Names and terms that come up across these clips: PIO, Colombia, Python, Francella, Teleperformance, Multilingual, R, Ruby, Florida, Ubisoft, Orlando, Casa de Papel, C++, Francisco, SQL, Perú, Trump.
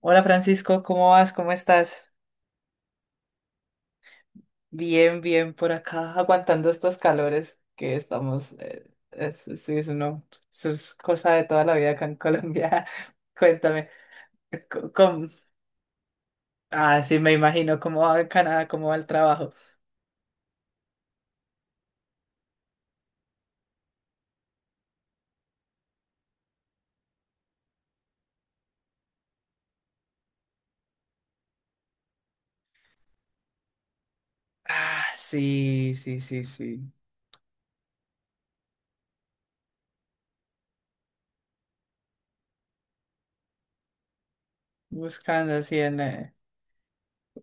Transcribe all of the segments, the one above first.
Hola Francisco, ¿cómo vas? ¿Cómo estás? Bien, bien por acá, aguantando estos calores que estamos. Es, sí, es uno, Eso es cosa de toda la vida acá en Colombia. Cuéntame, ¿cómo? Ah, sí, me imagino cómo va en Canadá, cómo va el trabajo. Ah, sí, sí, sí, sí. Buscando así en.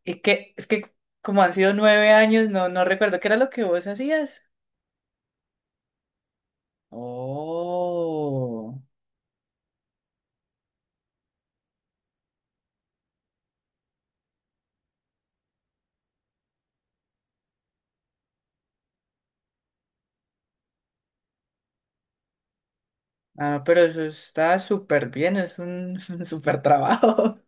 Y es que como han sido 9 años, no, no recuerdo qué era lo que vos hacías. Oh. Ah, pero eso está súper bien, es un, un súper trabajo.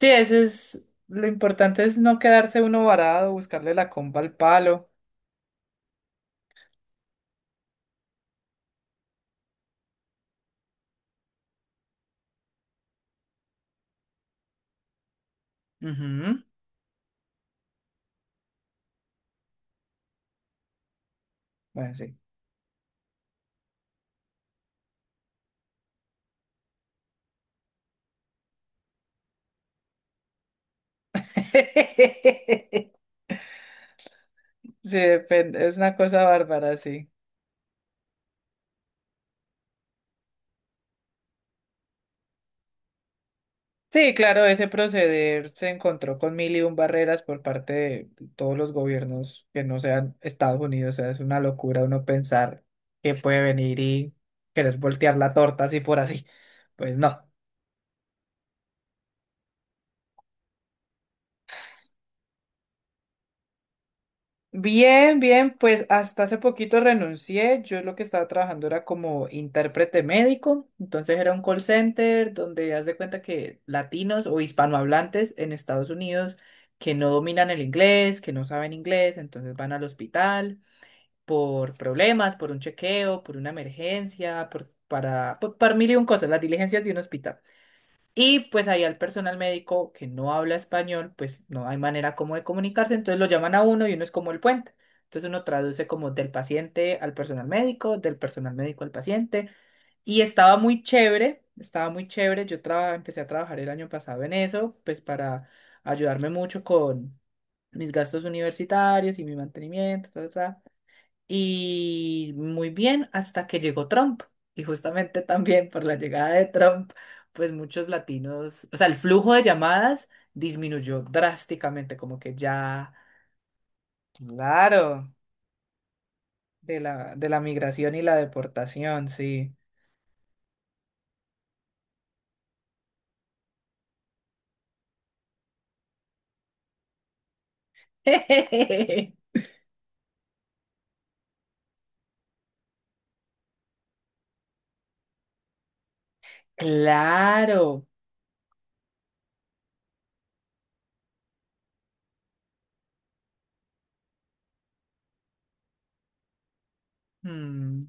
Sí, eso es, lo importante es no quedarse uno varado, buscarle la comba al palo. Ujú. Bueno, sí. Sí, depende, es una cosa bárbara, sí. Sí, claro, ese proceder se encontró con mil y un barreras por parte de todos los gobiernos que no sean Estados Unidos. O sea, es una locura uno pensar que puede venir y querer voltear la torta así por así. Pues no. Bien, bien, pues hasta hace poquito renuncié. Yo lo que estaba trabajando era como intérprete médico, entonces era un call center donde haz de cuenta que latinos o hispanohablantes en Estados Unidos que no dominan el inglés, que no saben inglés, entonces van al hospital por problemas, por un chequeo, por una emergencia, para mil y un cosas, las diligencias de un hospital. Y pues ahí al personal médico que no habla español, pues no hay manera como de comunicarse, entonces lo llaman a uno y uno es como el puente. Entonces uno traduce como del paciente al personal médico, del personal médico al paciente. Y estaba muy chévere, estaba muy chévere. Empecé a trabajar el año pasado en eso, pues para ayudarme mucho con mis gastos universitarios y mi mantenimiento, ta, ta, ta y muy bien hasta que llegó Trump. Y justamente también por la llegada de Trump, pues muchos latinos, o sea, el flujo de llamadas disminuyó drásticamente, como que ya, claro, de la migración y la deportación, sí. Claro. Hmm.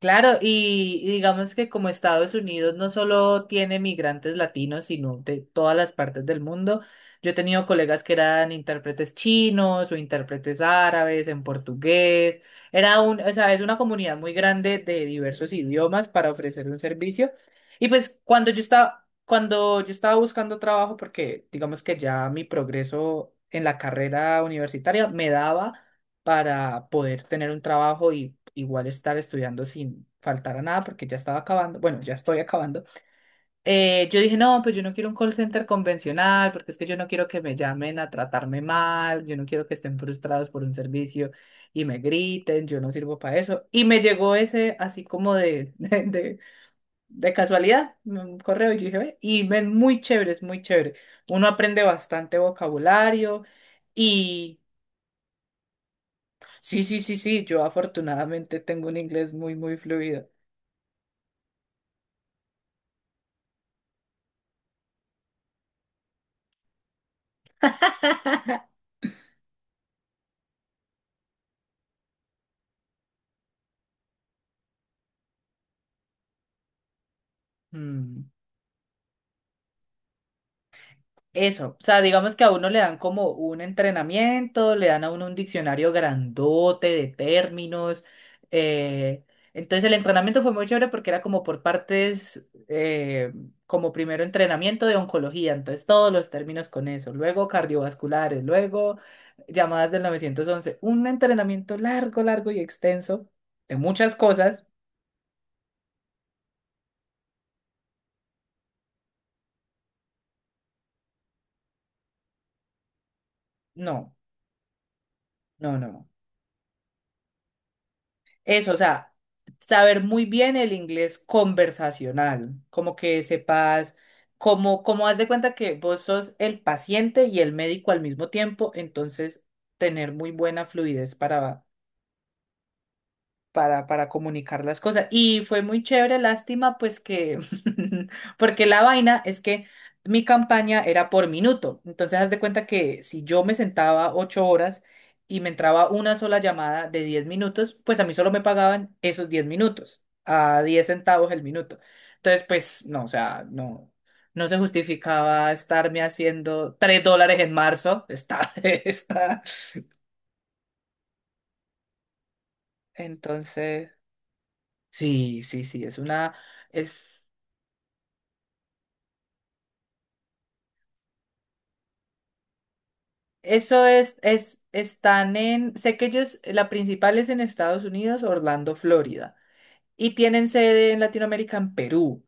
Claro, y digamos que como Estados Unidos no solo tiene migrantes latinos, sino de todas las partes del mundo. Yo he tenido colegas que eran intérpretes chinos o intérpretes árabes en portugués. Era un, o sea, Es una comunidad muy grande de diversos idiomas para ofrecer un servicio. Y pues cuando yo estaba buscando trabajo, porque digamos que ya mi progreso en la carrera universitaria me daba para poder tener un trabajo y igual estar estudiando sin faltar a nada porque ya estaba acabando, bueno, ya estoy acabando. Yo dije, no, pues yo no quiero un call center convencional porque es que yo no quiero que me llamen a tratarme mal, yo no quiero que estén frustrados por un servicio y me griten, yo no sirvo para eso. Y me llegó ese así de casualidad, un correo y yo dije, ve, y ven, muy chévere, es muy chévere. Uno aprende bastante vocabulario. Y Sí, sí, sí, sí, yo afortunadamente tengo un inglés muy, muy fluido. Mm. Eso, o sea, digamos que a uno le dan como un entrenamiento, le dan a uno un diccionario grandote de términos. eh, Entonces el entrenamiento fue muy chévere porque era como por partes, como primero entrenamiento de oncología, entonces todos los términos con eso, luego cardiovasculares, luego llamadas del 911, un entrenamiento largo, largo y extenso de muchas cosas. No. No, no. Eso, o sea, saber muy bien el inglés conversacional, como que sepas, como haz de cuenta que vos sos el paciente y el médico al mismo tiempo, entonces tener muy buena fluidez para para comunicar las cosas. Y fue muy chévere, lástima, pues que, porque la vaina es que mi campaña era por minuto. Entonces, haz de cuenta que si yo me sentaba 8 horas y me entraba una sola llamada de 10 minutos, pues a mí solo me pagaban esos 10 minutos, a 10 centavos el minuto. Entonces, pues, no, o sea, no. No se justificaba estarme haciendo 3 dólares en marzo. Está, está. Entonces, sí, sí, sí, es una, es Eso es, están en, sé que ellos, la principal es en Estados Unidos, Orlando, Florida, y tienen sede en Latinoamérica, en Perú.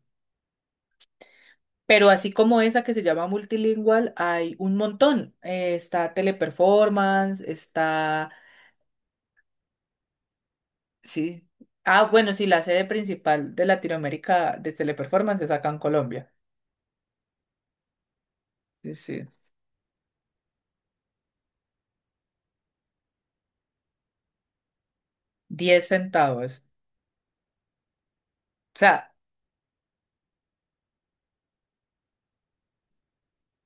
Pero así como esa que se llama Multilingual, hay un montón. Está Teleperformance, está, sí. Ah, bueno, sí, la sede principal de Latinoamérica de Teleperformance es acá en Colombia. Sí, sí. 10 centavos. O sea,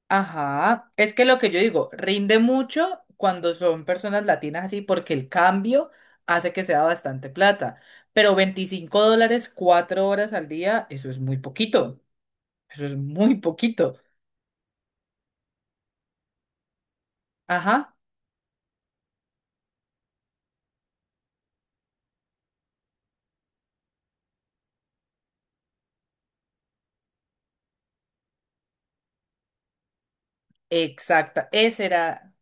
ajá, es que lo que yo digo, rinde mucho cuando son personas latinas así porque el cambio hace que sea bastante plata, pero 25 dólares 4 horas al día, eso es muy poquito, eso es muy poquito. Ajá, exacta,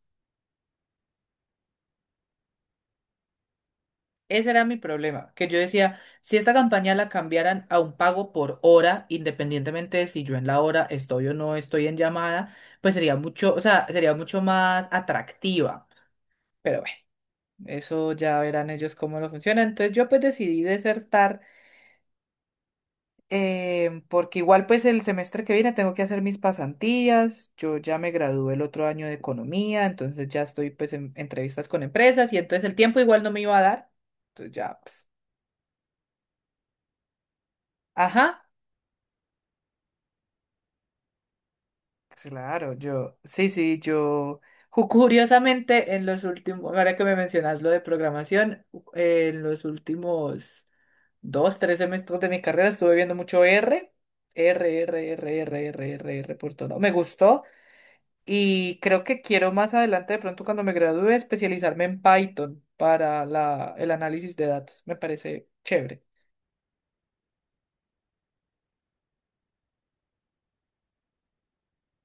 ese era mi problema, que yo decía, si esta campaña la cambiaran a un pago por hora, independientemente de si yo en la hora estoy o no estoy en llamada, pues sería mucho, o sea, sería mucho más atractiva, pero bueno. Eso ya verán ellos cómo lo funciona. Entonces yo pues decidí desertar, porque igual pues el semestre que viene tengo que hacer mis pasantías. Yo ya me gradué el otro año de economía, entonces ya estoy pues en entrevistas con empresas y entonces el tiempo igual no me iba a dar. Entonces ya pues. Ajá. Claro, yo, sí, sí, curiosamente en los últimos, ahora que me mencionas lo de programación, en los últimos dos, tres semestres de mi carrera estuve viendo mucho R, R, R, R, R, R, R, R por todo lado. Me gustó y creo que quiero más adelante, de pronto cuando me gradúe, especializarme en Python para el análisis de datos. Me parece chévere.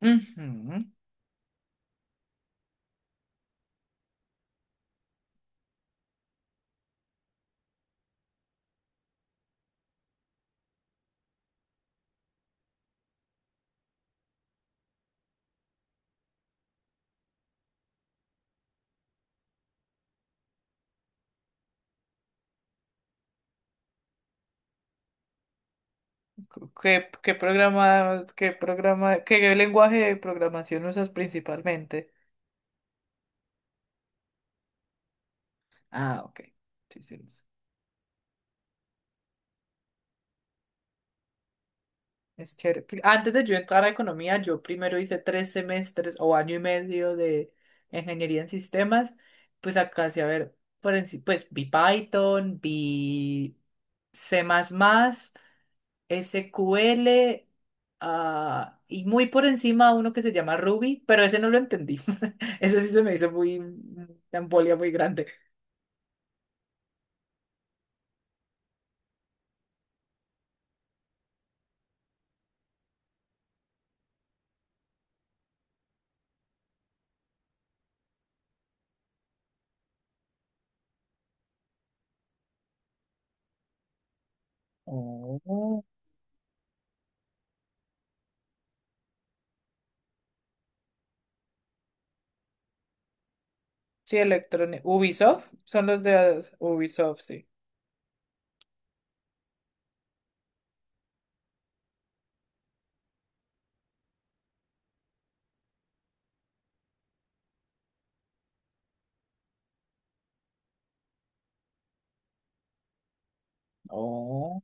Ujú. ¿Qué lenguaje de programación usas principalmente? Ah, ok. Sí, sí, es chévere. Antes de yo entrar a economía, yo primero hice 3 semestres o año y medio de ingeniería en sistemas. Pues acá sí, a ver, pues vi Python, vi C++, SQL, ah, y muy por encima uno que se llama Ruby, pero ese no lo entendí. Ese sí se me hizo muy, una embolia muy grande. Oh. Sí, electrónico. Ubisoft, son los de Ubisoft, sí. Oh.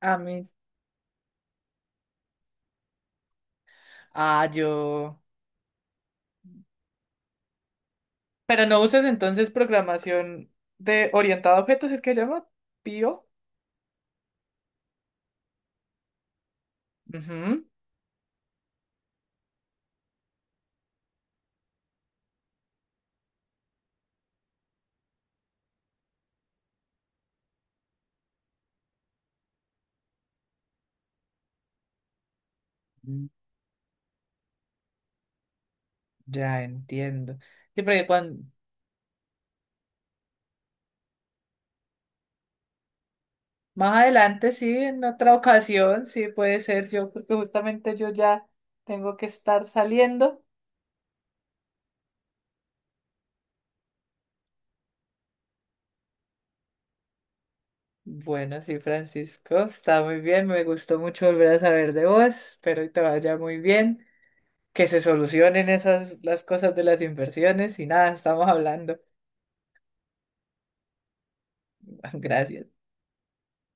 A mí. Ah, yo. Pero no usas entonces programación de orientada a objetos, es que se llama PIO. Ujú. Mm. Ya entiendo. Sí, porque cuando, Más adelante, sí, en otra ocasión, sí puede ser yo, porque justamente yo ya tengo que estar saliendo. Bueno, sí, Francisco, está muy bien, me gustó mucho volver a saber de vos, espero que te vaya muy bien, que se solucionen esas las cosas de las inversiones y nada, estamos hablando. Gracias.